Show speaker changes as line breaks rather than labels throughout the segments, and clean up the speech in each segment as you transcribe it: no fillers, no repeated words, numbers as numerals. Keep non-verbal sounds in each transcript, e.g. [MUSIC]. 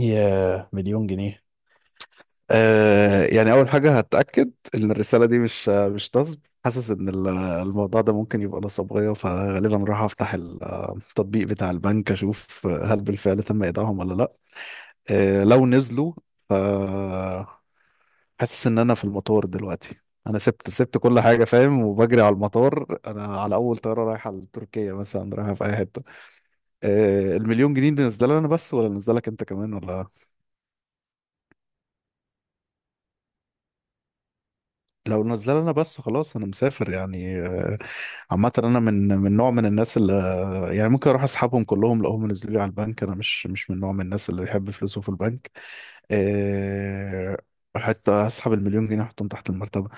يا مليون جنيه. يعني اول حاجه هتاكد ان الرساله دي مش نصب. حاسس ان الموضوع ده ممكن يبقى نصبيه، فغالبا راح افتح التطبيق بتاع البنك اشوف هل بالفعل تم ايداعهم ولا لا. آه لو نزلوا ف حاسس ان انا في المطار دلوقتي. انا سبت كل حاجه فاهم، وبجري على المطار، انا على اول طياره رايحه لتركيا مثلا، رايحه في اي حته. آه المليون جنيه دي نازله لي انا بس ولا نازله لك انت كمان ولا؟ لو نزل انا بس خلاص انا مسافر يعني. عامه انا من نوع من الناس اللي يعني ممكن اروح اسحبهم كلهم لو هم نزلوا لي على البنك. انا مش من نوع من الناس اللي يحب فلوسه في البنك آه، حتى اسحب المليون جنيه احطهم تحت المرتبه،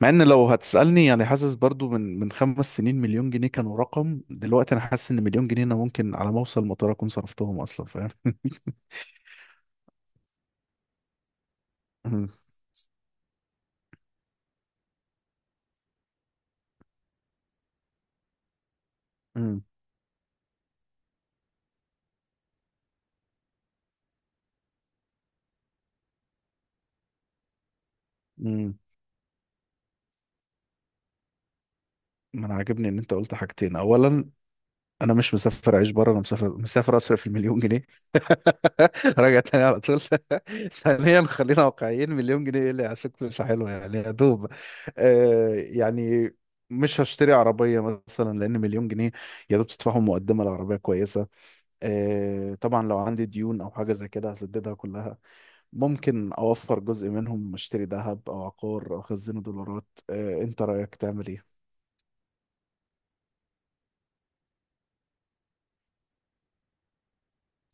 مع ان لو هتسالني يعني حاسس برضو من 5 سنين 1,000,000 جنيه كانوا رقم، دلوقتي انا حاسس ان مليون جنيه انا ممكن على ما اوصل المطار اكون صرفتهم اصلا فاهم. [LAUGHS] مم. مم. مم. ما انا عاجبني ان انت قلت حاجتين. اولا، انا مش مسافر اعيش بره، انا مسافر، اصرف المليون جنيه. [LAUGHS] راجع تاني على طول. [LAUGHS] ثانيا، خلينا واقعيين، مليون جنيه ايه اللي عشان مش حلوه يعني، يا دوب. يعني مش هشتري عربيه مثلا، لان مليون جنيه يا دوب تدفعهم مقدمه لعربيه كويسه. آه طبعا لو عندي ديون او حاجه زي كده هسددها كلها، ممكن اوفر جزء منهم اشتري ذهب او عقار او اخزنه دولارات. آه انت رايك تعمل ايه؟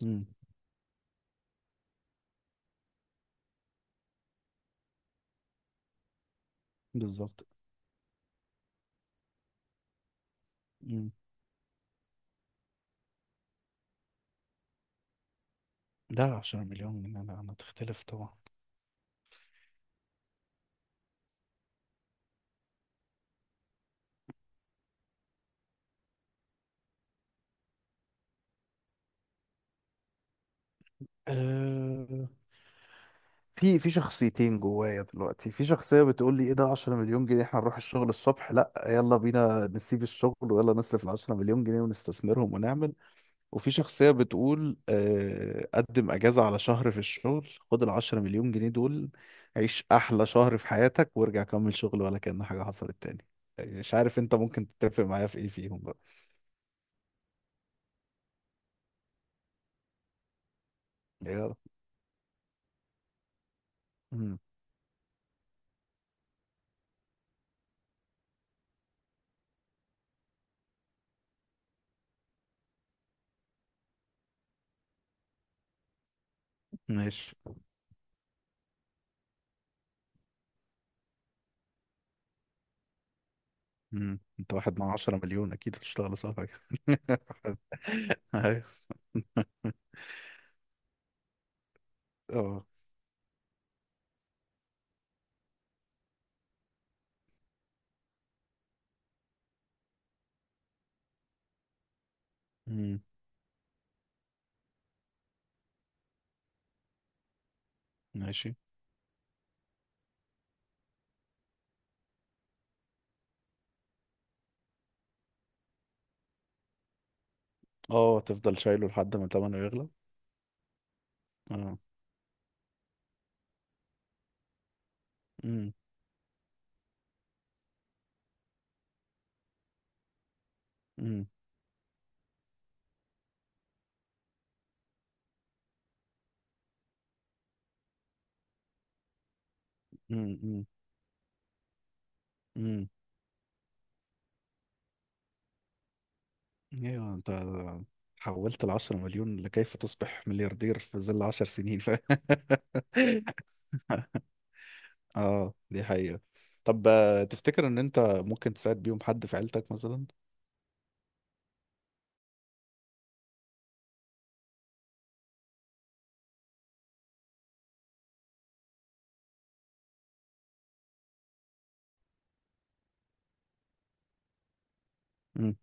مم، بالظبط. مم. ده 10 مليون جنيه، أنا تختلف. آه، في شخصيتين جوايا دلوقتي. في شخصية بتقول لي ايه ده، 10 مليون جنيه، احنا نروح الشغل الصبح؟ لا، يلا بينا نسيب الشغل ويلا نصرف ال 10 مليون جنيه ونستثمرهم ونعمل. وفي شخصية بتقول قدم اجازة على شهر في الشغل، خد ال 10 مليون جنيه دول عيش احلى شهر في حياتك وارجع كمل شغل ولا كأن حاجة حصلت تاني. يعني مش عارف انت ممكن تتفق معايا في ايه فيهم بقى. يلا. مم، ماشي. مم، انت واحد مع 10 مليون اكيد هتشتغل صح حاجة. [LAUGHS] [LAUGHS] اه. امم. ماشي. اه، تفضل شايله لحد ما تمنه يغلى. اه. امم امم امم. امم. ايوه انت حولت العشرة مليون لكيف تصبح ملياردير في ظل عشر سنين [LAUGHS] اه دي حقيقة. طب تفتكر ان انت ممكن تساعد بيهم حد في عيلتك مثلا؟ امم.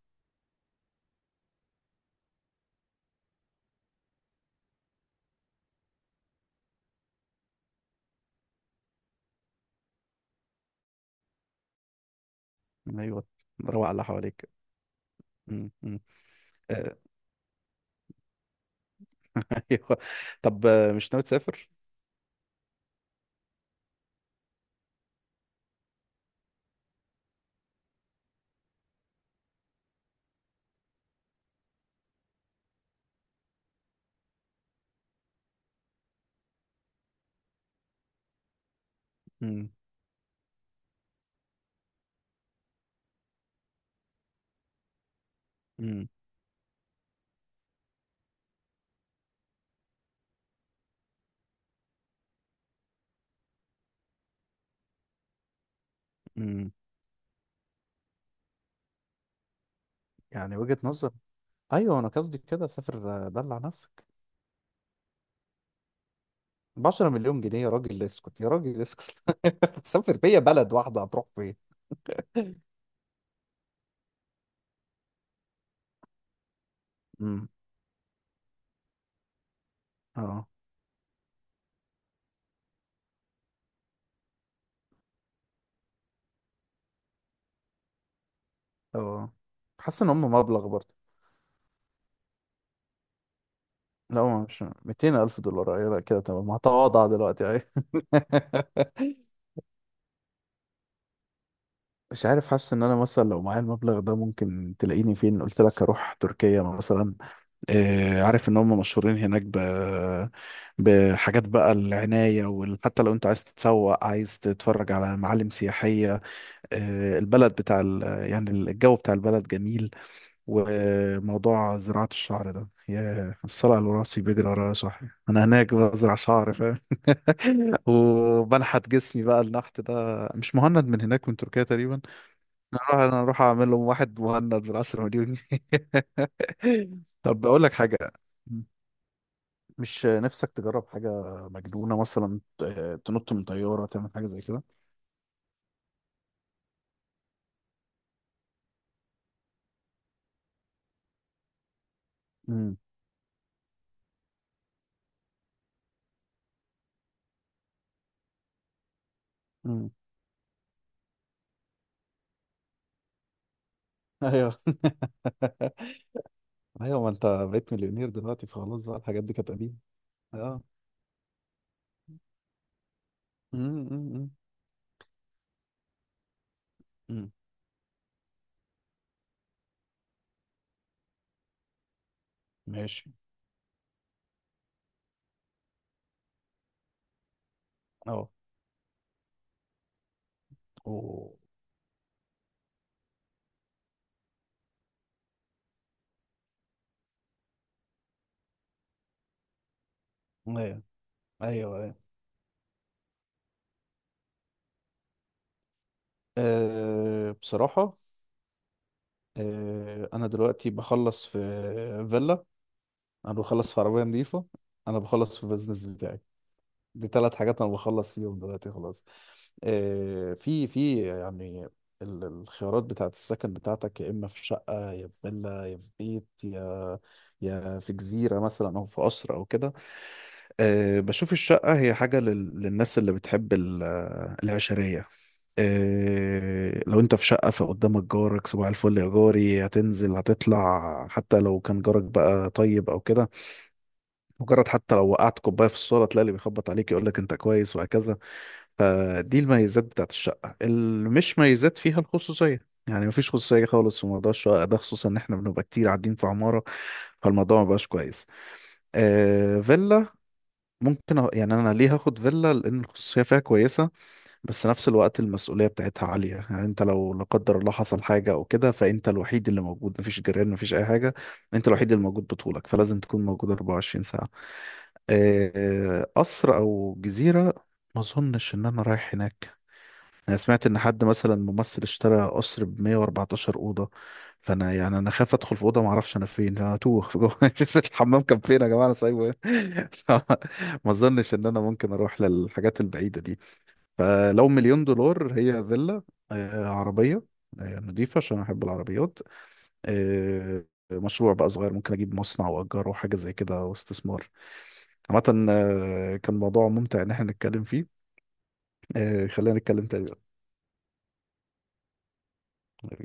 ايوه، روق على اللي حواليك. امم. آه، [LAUGHS] ايوه. طب مش ناوي تسافر؟ امم امم امم. يعني وجهة نظر. ايوه انا قصدي كده سافر، دلع نفسك. ب 10 مليون جنيه يا راجل اسكت، يا راجل اسكت. [LAUGHS] تسافر بيا بلد واحده هتروح فين؟ امم. اه. اه حاسس ان هم مبلغ برضه. لا هو مش 200 الف دولار، ايوه لا كده تمام هتواضع دلوقتي، ايوه. [LAUGHS] مش عارف، حاسس ان انا مثلا لو معايا المبلغ ده ممكن تلاقيني فين؟ قلت لك اروح تركيا مثلا. آه عارف ان هم مشهورين هناك بحاجات بقى، العناية، وحتى لو انت عايز تتسوق، عايز تتفرج على معالم سياحية. البلد يعني الجو بتاع البلد جميل. وموضوع زراعة الشعر ده، يا الصلع اللي راسي بيجري ورايا صح. انا هناك بزرع شعر فاهم. [LAUGHS] وبنحت جسمي بقى النحت ده. مش مهند من هناك من تركيا تقريبا؟ انا اروح اعمل لهم واحد مهند بالعشرة مليون جنيه. [LAUGHS] طب بقول لك حاجة. مش نفسك تجرب حاجة مجنونة مثلا، تنط من طيارة، تعمل حاجة زي كده؟ امم امم ايوه. [LAUGHS] ايوه ما انت بقيت مليونير دلوقتي فخلاص بقى، الحاجات دي كانت قديمه. اه. أمم، أمم. ماشي. اه. أوه. ايوه ايوه. أه بصراحه، انا دلوقتي بخلص في فيلا، انا بخلص في عربيه نظيفه، انا بخلص في بزنس بتاعي. دي ثلاث حاجات انا بخلص فيهم دلوقتي خلاص. في يعني الخيارات بتاعت السكن بتاعتك، يا اما في شقه يا في فيلا يا في بيت يا في جزيره مثلا او في قصر او كده. بشوف الشقه هي حاجه للناس اللي بتحب العشريه. لو انت في شقة فقدامك جارك صباح الفل يا جاري، هتنزل هتطلع، حتى لو كان جارك بقى طيب او كده، مجرد حتى لو وقعت كوبايه في الصاله تلاقي اللي بيخبط عليك يقول لك انت كويس، وهكذا. فدي الميزات بتاعت الشقه اللي مش ميزات، فيها الخصوصيه يعني مفيش خصوصيه خالص في موضوع الشقه ده، خصوصا ان احنا بنبقى كتير قاعدين في عماره، فالموضوع مبقاش كويس. آه فيلا، يعني انا ليه هاخد فيلا، لان الخصوصيه فيها كويسه، بس نفس الوقت المسؤولية بتاعتها عالية. يعني انت لو لا قدر الله حصل حاجة او كده، فانت الوحيد اللي موجود، مفيش جيران، مفيش اي حاجة، انت الوحيد اللي موجود بطولك، فلازم تكون موجود 24 ساعة. قصر او جزيرة، ما اظنش ان انا رايح هناك. انا سمعت ان حد مثلا ممثل اشترى قصر ب 114 أوضة، فانا يعني انا خاف ادخل في أوضة ما اعرفش انا فين، انا توه في جوه. [LAUGHS] نسيت الحمام كان فين يا جماعة، انا سايبه هنا. [LAUGHS] ما اظنش ان انا ممكن اروح للحاجات البعيدة دي. فلو مليون دولار، هي فيلا، عربية نضيفة عشان أحب العربيات، آه، مشروع بقى صغير ممكن أجيب مصنع وأجره حاجة زي كده واستثمار. عامة كان موضوع ممتع إن احنا نتكلم فيه، خلينا نتكلم تاني بقى.